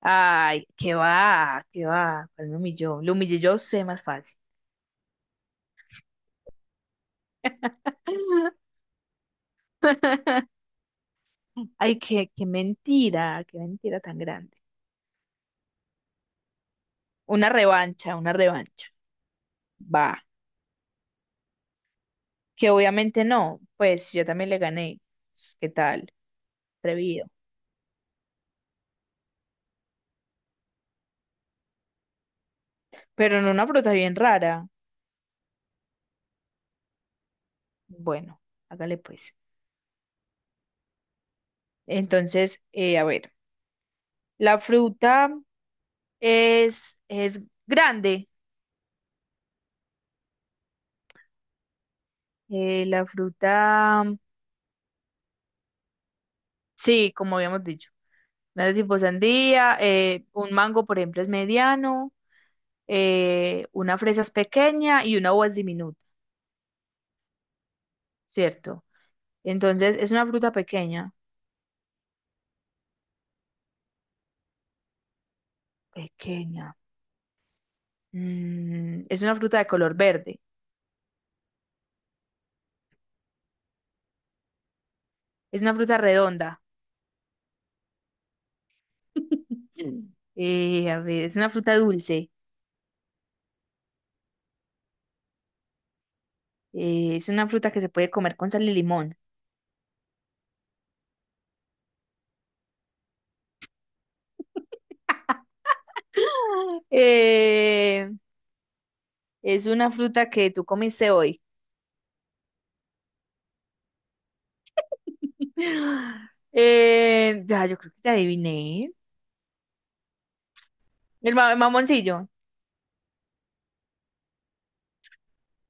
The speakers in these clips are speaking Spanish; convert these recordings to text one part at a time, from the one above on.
Ay, qué va, qué va. ¿Cuál me humilló? Lo humillé yo, sé más fácil. Ay, qué mentira, qué mentira tan grande. Una revancha, una revancha. Va, que obviamente no, pues yo también le gané. ¿Qué tal? Atrevido. Pero en una fruta bien rara. Bueno, hágale pues. Entonces, a ver, la fruta es grande. Eh, la fruta, sí, como habíamos dicho. Nada tipo sandía, un mango, por ejemplo, es mediano, una fresa es pequeña y una uva es diminuta, ¿cierto? Entonces, es una fruta pequeña. Pequeña. Mm, es una fruta de color verde. Es una fruta redonda. A ver, es una fruta dulce. Es una fruta que se puede comer con sal y limón. Eh, es una fruta que tú comiste hoy. Ya, yo creo que te adiviné. El mamoncillo.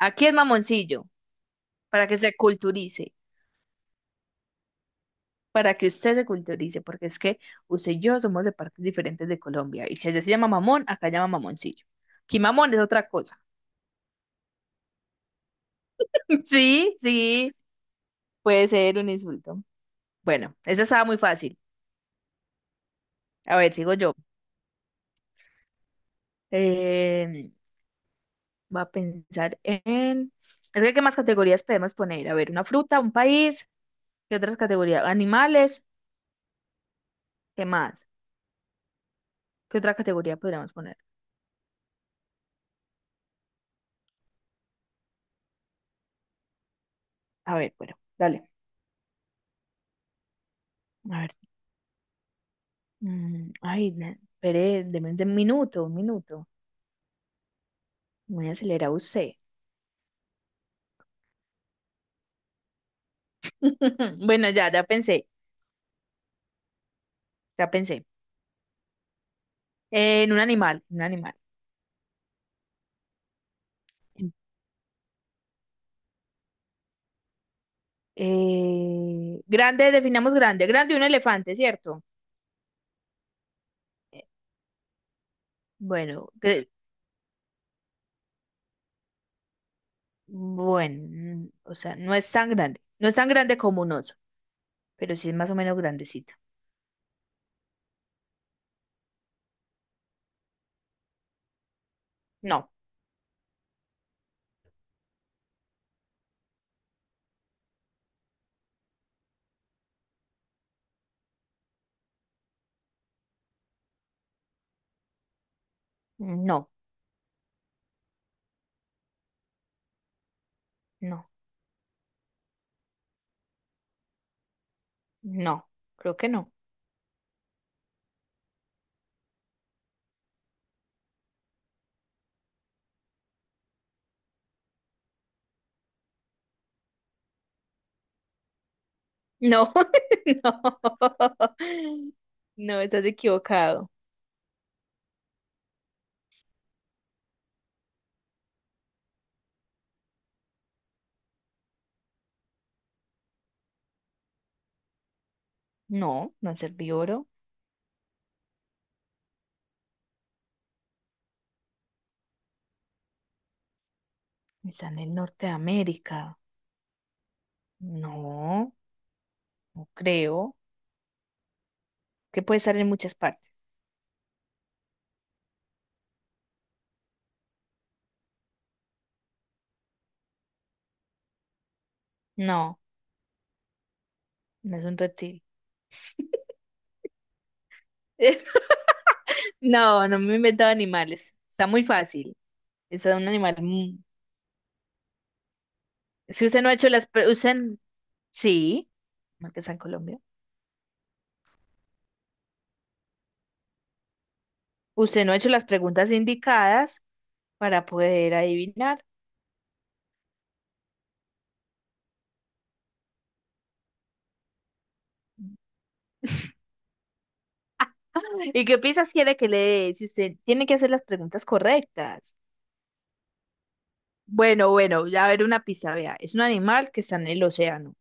Aquí es mamoncillo, para que se culturice, para que usted se culturice, porque es que usted y yo somos de partes diferentes de Colombia. Y si allá se llama mamón, acá llama mamoncillo. Aquí mamón es otra cosa. Sí, sí, puede ser un insulto. Bueno, esa estaba muy fácil. A ver, sigo yo. Eh, va a pensar en... Es que, ¿qué más categorías podemos poner? A ver, una fruta, un país, ¿qué otras categorías? Animales, ¿qué más? ¿Qué otra categoría podríamos poner? A ver, bueno, dale. A ver. Mm, ay, espere, deme un minuto, un minuto. Muy acelerado usted. Bueno, ya, ya pensé, ya pensé. En un animal, en un animal. Grande, definamos grande. Grande un elefante, ¿cierto? Eh, Bueno, gre- bueno, mm, o sea, no es tan grande. No es tan grande como un oso, pero sí es más o menos grandecito. No, no, no, no. Creo que no. No, no. No, estás equivocado. No, no es herbívoro. Está en el norte de América. No, no creo. Que puede estar en muchas partes. No, no es un reptil. No, no me he inventado animales. Está muy fácil. Es un animal. Si usted no ha hecho las... pre- Usted... Sí, mal que está en Colombia. Usted no ha hecho las preguntas indicadas para poder adivinar. ¿Y qué piensas quiere que le dé? Si usted tiene que hacer las preguntas correctas. Bueno, bueno, ya a ver una pista, vea. Es un animal que está en el océano.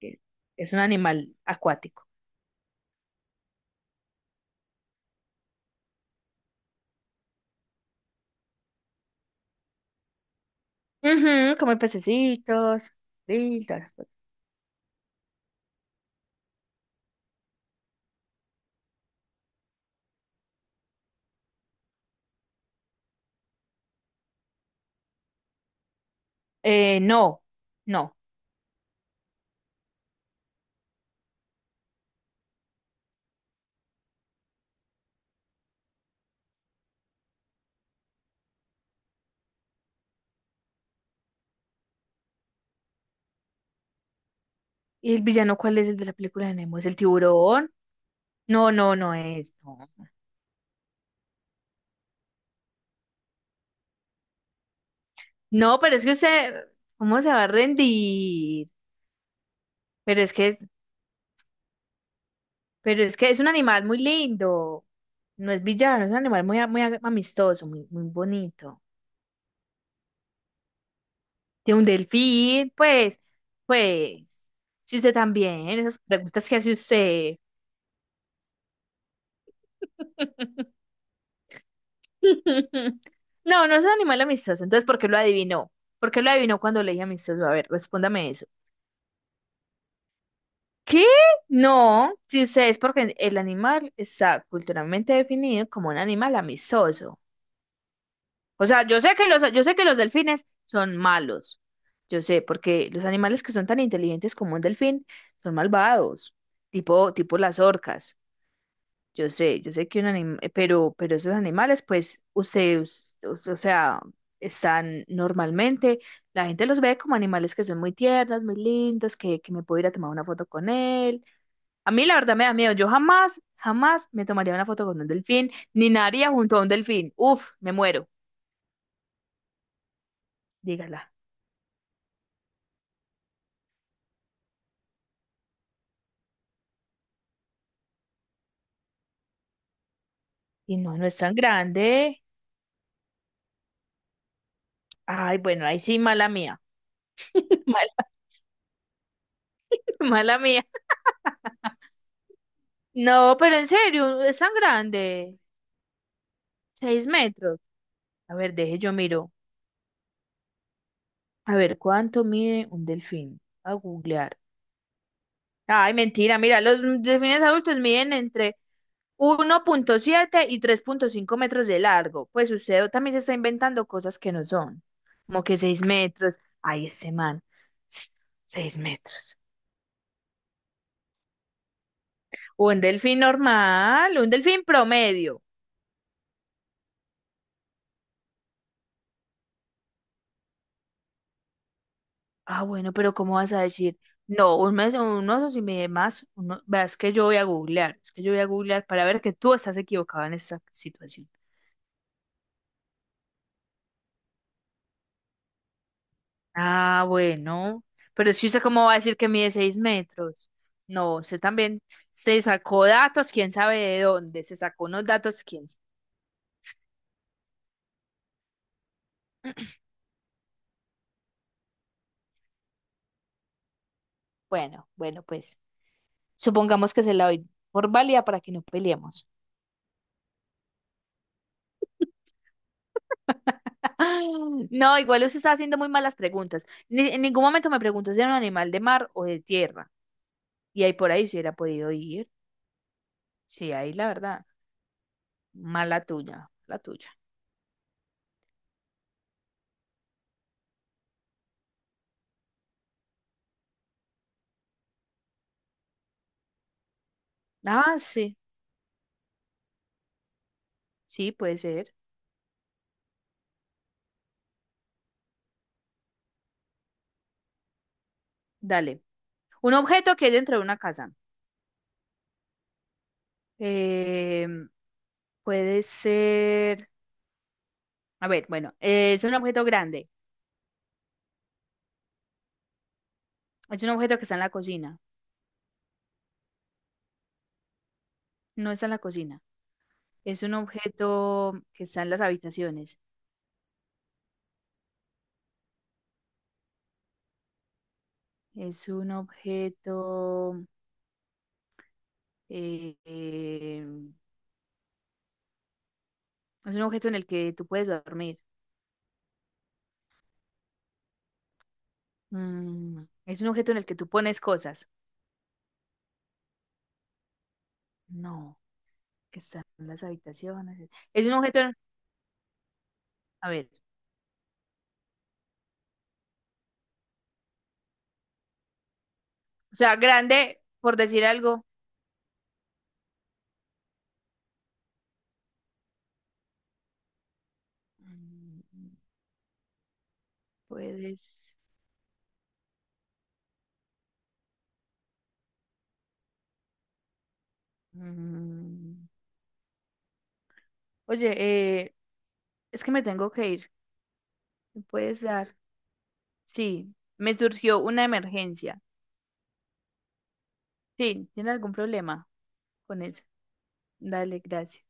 Que Es un animal acuático. Ujú, come pececitos. Sí, todas las cosas. Eh, no, no. ¿Y el villano cuál es el de la película de Nemo? ¿Es el tiburón? No es. No, no, pero es que usted, ¿cómo se va a rendir? Pero es que, pero es que es un animal muy lindo. No es villano, es un animal muy amistoso, muy, muy bonito. De un delfín, pues, pues, si usted también, esas preguntas que hace usted. No, no es un animal amistoso, entonces, ¿por qué lo adivinó? ¿Por qué lo adivinó cuando le dije amistoso? A ver, respóndame eso. ¿Qué? No, si usted es porque el animal está culturalmente definido como un animal amistoso. O sea, yo sé que los delfines son malos. Yo sé, porque los animales que son tan inteligentes como un delfín son malvados, tipo las orcas. Yo sé que un animal, pero esos animales, pues, ustedes, o sea, están normalmente, la gente los ve como animales que son muy tiernos, muy lindos, que me puedo ir a tomar una foto con él. A mí la verdad me da miedo, yo jamás, jamás me tomaría una foto con un delfín, ni nadaría junto a un delfín. Uf, me muero, dígala. Y no, no es tan grande. Ay, bueno, ahí sí, mala mía, mala, mala mía. No, pero en serio, es tan grande, seis metros. A ver, deje, yo miro. A ver, ¿cuánto mide un delfín? A googlear. Ay, mentira, mira, los delfines adultos miden entre 1.7 y 3.5 metros de largo. Pues usted también se está inventando cosas que no son, como que 6 metros. Ay, ese man, s- seis metros. Un delfín normal, un delfín promedio. Ah, bueno, pero ¿cómo vas a decir? No, mes, un oso si mide más, uno, vea, es que yo voy a googlear para ver que tú estás equivocado en esta situación. Ah, bueno, pero es que usted cómo va a decir que mide seis metros. No, usted también se sacó datos, quién sabe de dónde, se sacó unos datos, quién sabe. Bueno, bueno, pues supongamos que se la doy por válida para que no peleemos. No, igual usted está haciendo muy malas preguntas. En ningún momento me preguntó si era un animal de mar o de tierra. Y ahí por ahí si hubiera podido ir. Sí, ahí la verdad. Mala tuya, la tuya. Ah, sí, sí, puede ser. Dale. Un objeto que hay dentro de una casa. Eh, Puede ser, a ver, bueno, es un objeto grande, es un objeto que está en la cocina, no está en la cocina, es un objeto que está en las habitaciones, es un objeto, eh, eh, es un objeto en el que tú puedes dormir. Mm, es un objeto en el que tú pones cosas, no, que está en las habitaciones, es un objeto, a ver, o sea, grande, por decir algo. Mm, puedes. Mm. Oye, eh, es que me tengo que ir. ¿Me puedes dar? Sí, me surgió una emergencia. Sí, ¿tiene algún problema con eso? Dale, gracias.